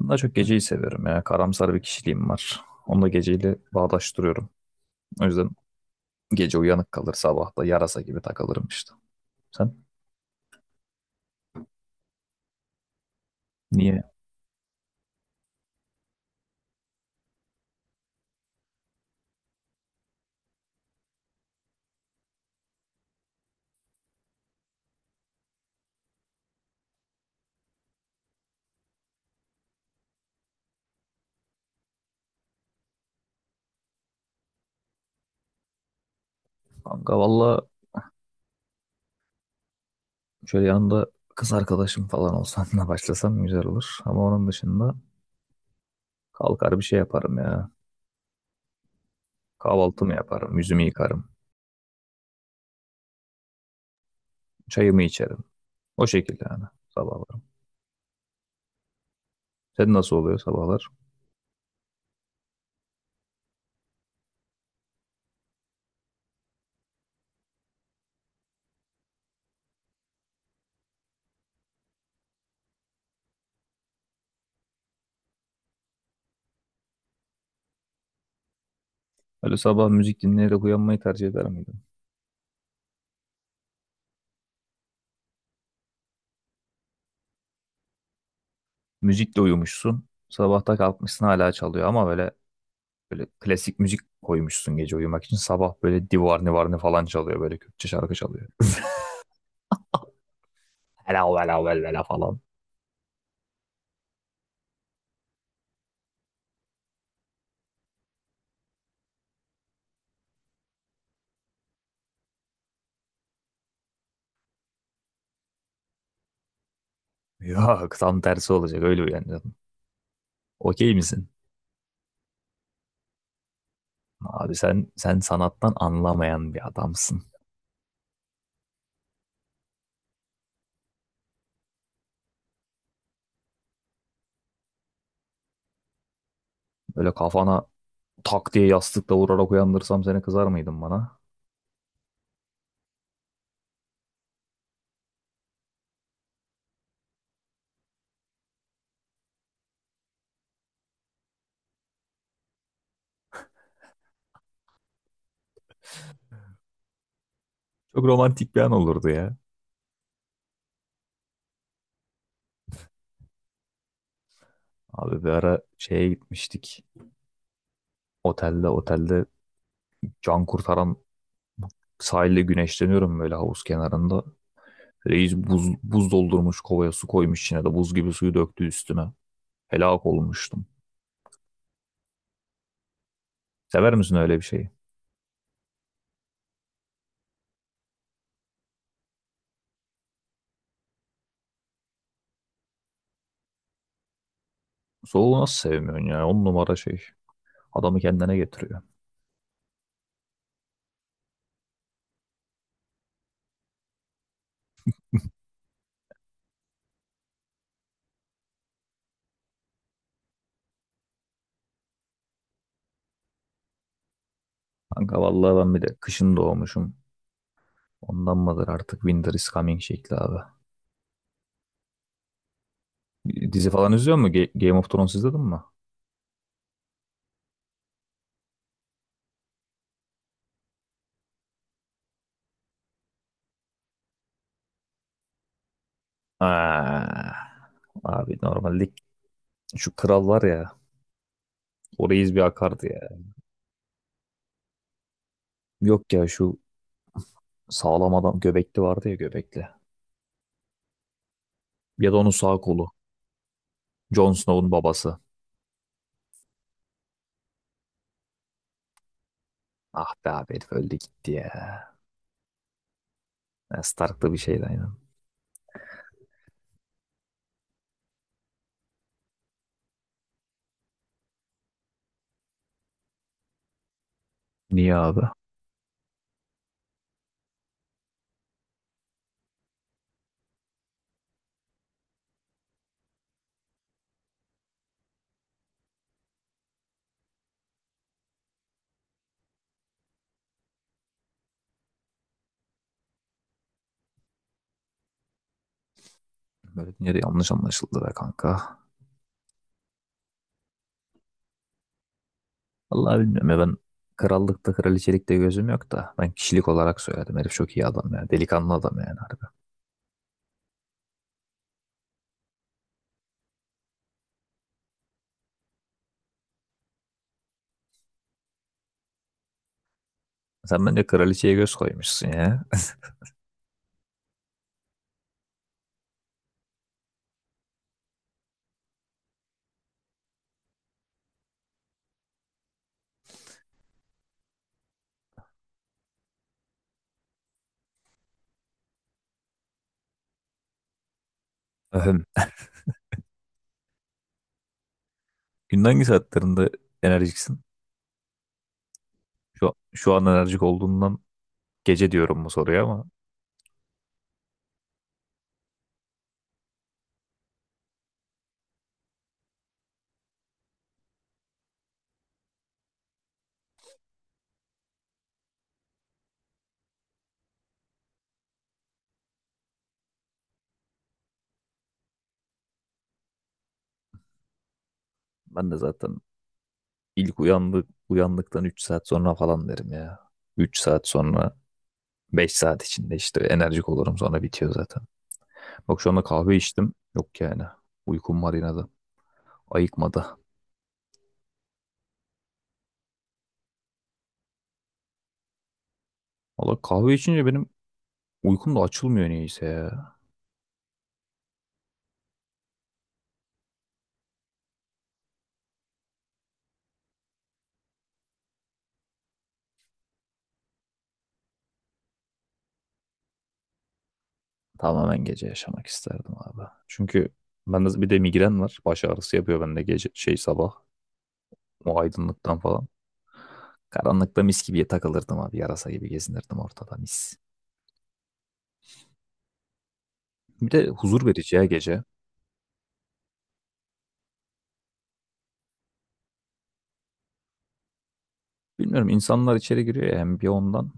Ben daha çok geceyi seviyorum ya. Karamsar bir kişiliğim var. Onu da geceyle bağdaştırıyorum. O yüzden gece uyanık kalır, sabah da yarasa gibi takılırım işte. Sen niye? Kanka valla şöyle yanında kız arkadaşım falan olsanla başlasam güzel olur. Ama onun dışında kalkar bir şey yaparım ya. Kahvaltımı yaparım, yüzümü yıkarım, çayımı içerim. O şekilde yani sabahlarım. Sen nasıl oluyor sabahlar? Öyle sabah müzik dinleyerek uyanmayı tercih eder miydin? Müzikle uyumuşsun. Sabahta kalkmışsın hala çalıyor ama böyle böyle klasik müzik koymuşsun gece uyumak için. Sabah böyle Divarni Varni falan çalıyor. Böyle Kürtçe şarkı çalıyor. Vela vela vela vela falan. Yok, tam tersi olacak, öyle uyanacaksın. Okey misin? Abi sen sanattan anlamayan bir adamsın. Böyle kafana tak diye yastıkla vurarak uyandırsam seni, kızar mıydın bana? Çok romantik bir an olurdu ya. Abi bir ara şeye gitmiştik. Otelde can kurtaran sahilde güneşleniyorum böyle havuz kenarında. Reis buz doldurmuş kovaya, su koymuş içine de, buz gibi suyu döktü üstüme. Helak olmuştum. Sever misin öyle bir şeyi? Soğuğu nasıl sevmiyorsun ya? On numara şey. Adamı kendine getiriyor. Kanka vallahi ben bir de kışın doğmuşum. Ondan mıdır artık Winter is Coming şekli abi. Dizi falan izliyor musun? Game of Thrones izledin mi? Aa, abi normalde şu kral var ya. O reis bir akardı ya. Yok ya, şu sağlam adam, göbekli vardı ya, göbekli. Ya da onun sağ kolu. Jon Snow'un babası. Ah be abi, herif öldü gitti ya. Ben Stark'ta bir şeydi aynen. Niye abi? Böyle dünyada yanlış anlaşıldı be kanka. Vallahi bilmiyorum ya, ben krallıkta kraliçelikte gözüm yok da ben kişilik olarak söyledim. Herif çok iyi adam ya. Delikanlı adam yani, harbi. Sen bence kraliçeye göz koymuşsun ya. Öhüm. Günün hangi saatlerinde enerjiksin? Şu an enerjik olduğundan gece diyorum bu soruya, ama ben de zaten uyandıktan 3 saat sonra falan derim ya. 3 saat sonra, 5 saat içinde işte enerjik olurum, sonra bitiyor zaten. Bak şu anda kahve içtim. Yok yani. Uykum var yine de. Ayıkmadı. Valla kahve içince benim uykum da açılmıyor niyeyse ya. Tamamen gece yaşamak isterdim abi. Çünkü bende bir de migren var. Baş ağrısı yapıyor bende gece şey sabah. O aydınlıktan falan. Karanlıkta mis gibi takılırdım abi. Yarasa gibi gezinirdim ortada, mis. Bir de huzur verici ya gece. Bilmiyorum, insanlar içeri giriyor ya hem bir ondan.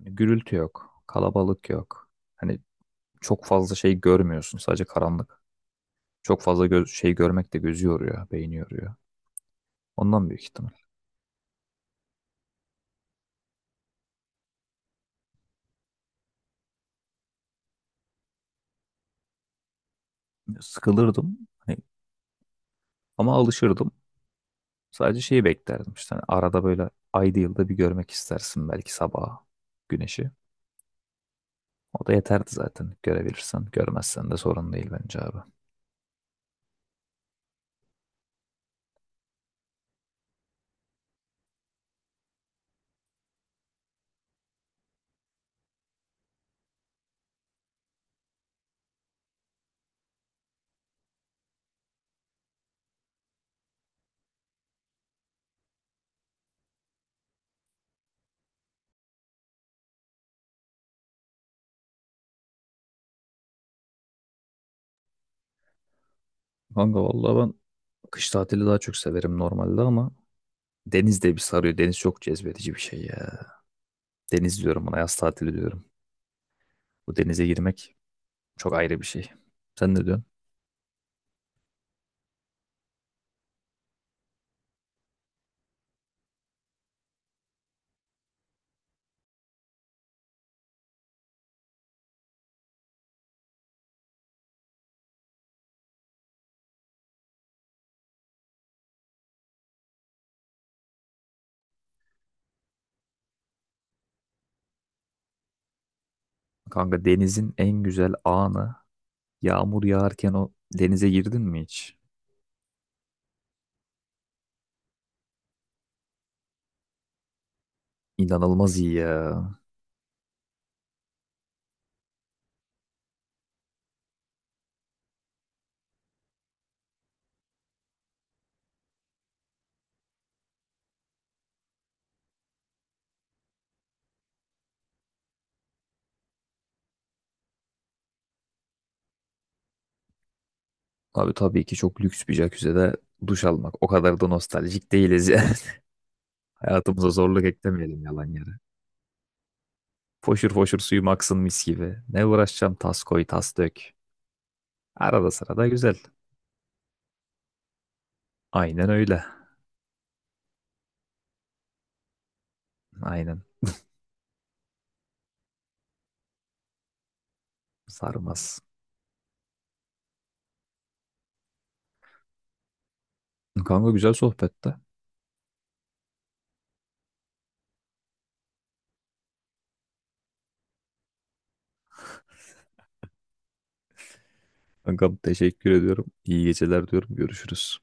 Gürültü yok. Kalabalık yok. Hani çok fazla şey görmüyorsun. Sadece karanlık. Çok fazla göz, şey görmek de gözü yoruyor, beyni yoruyor. Ondan büyük ihtimal. Sıkılırdım. Hani, ama alışırdım. Sadece şeyi beklerdim. İşte hani arada böyle ayda yılda bir görmek istersin belki sabah güneşi. O da yeterdi zaten, görebilirsen. Görmezsen de sorun değil bence abi. Kanka vallahi ben kış tatili daha çok severim normalde ama deniz de bir sarıyor. Deniz çok cezbedici bir şey ya. Deniz diyorum buna, yaz tatili diyorum. Bu denize girmek çok ayrı bir şey. Sen ne diyorsun? Kanka denizin en güzel anı, yağmur yağarken o denize girdin mi hiç? İnanılmaz iyi ya. Abi tabii ki çok lüks bir jacuzzi'de duş almak. O kadar da nostaljik değiliz yani. Hayatımıza zorluk eklemeyelim yalan yere. Foşur foşur suyum aksın mis gibi. Ne uğraşacağım tas koy tas dök. Arada sırada güzel. Aynen öyle. Aynen. Sarmaz. Kanka güzel sohbette. Kankam teşekkür ediyorum. İyi geceler diyorum. Görüşürüz.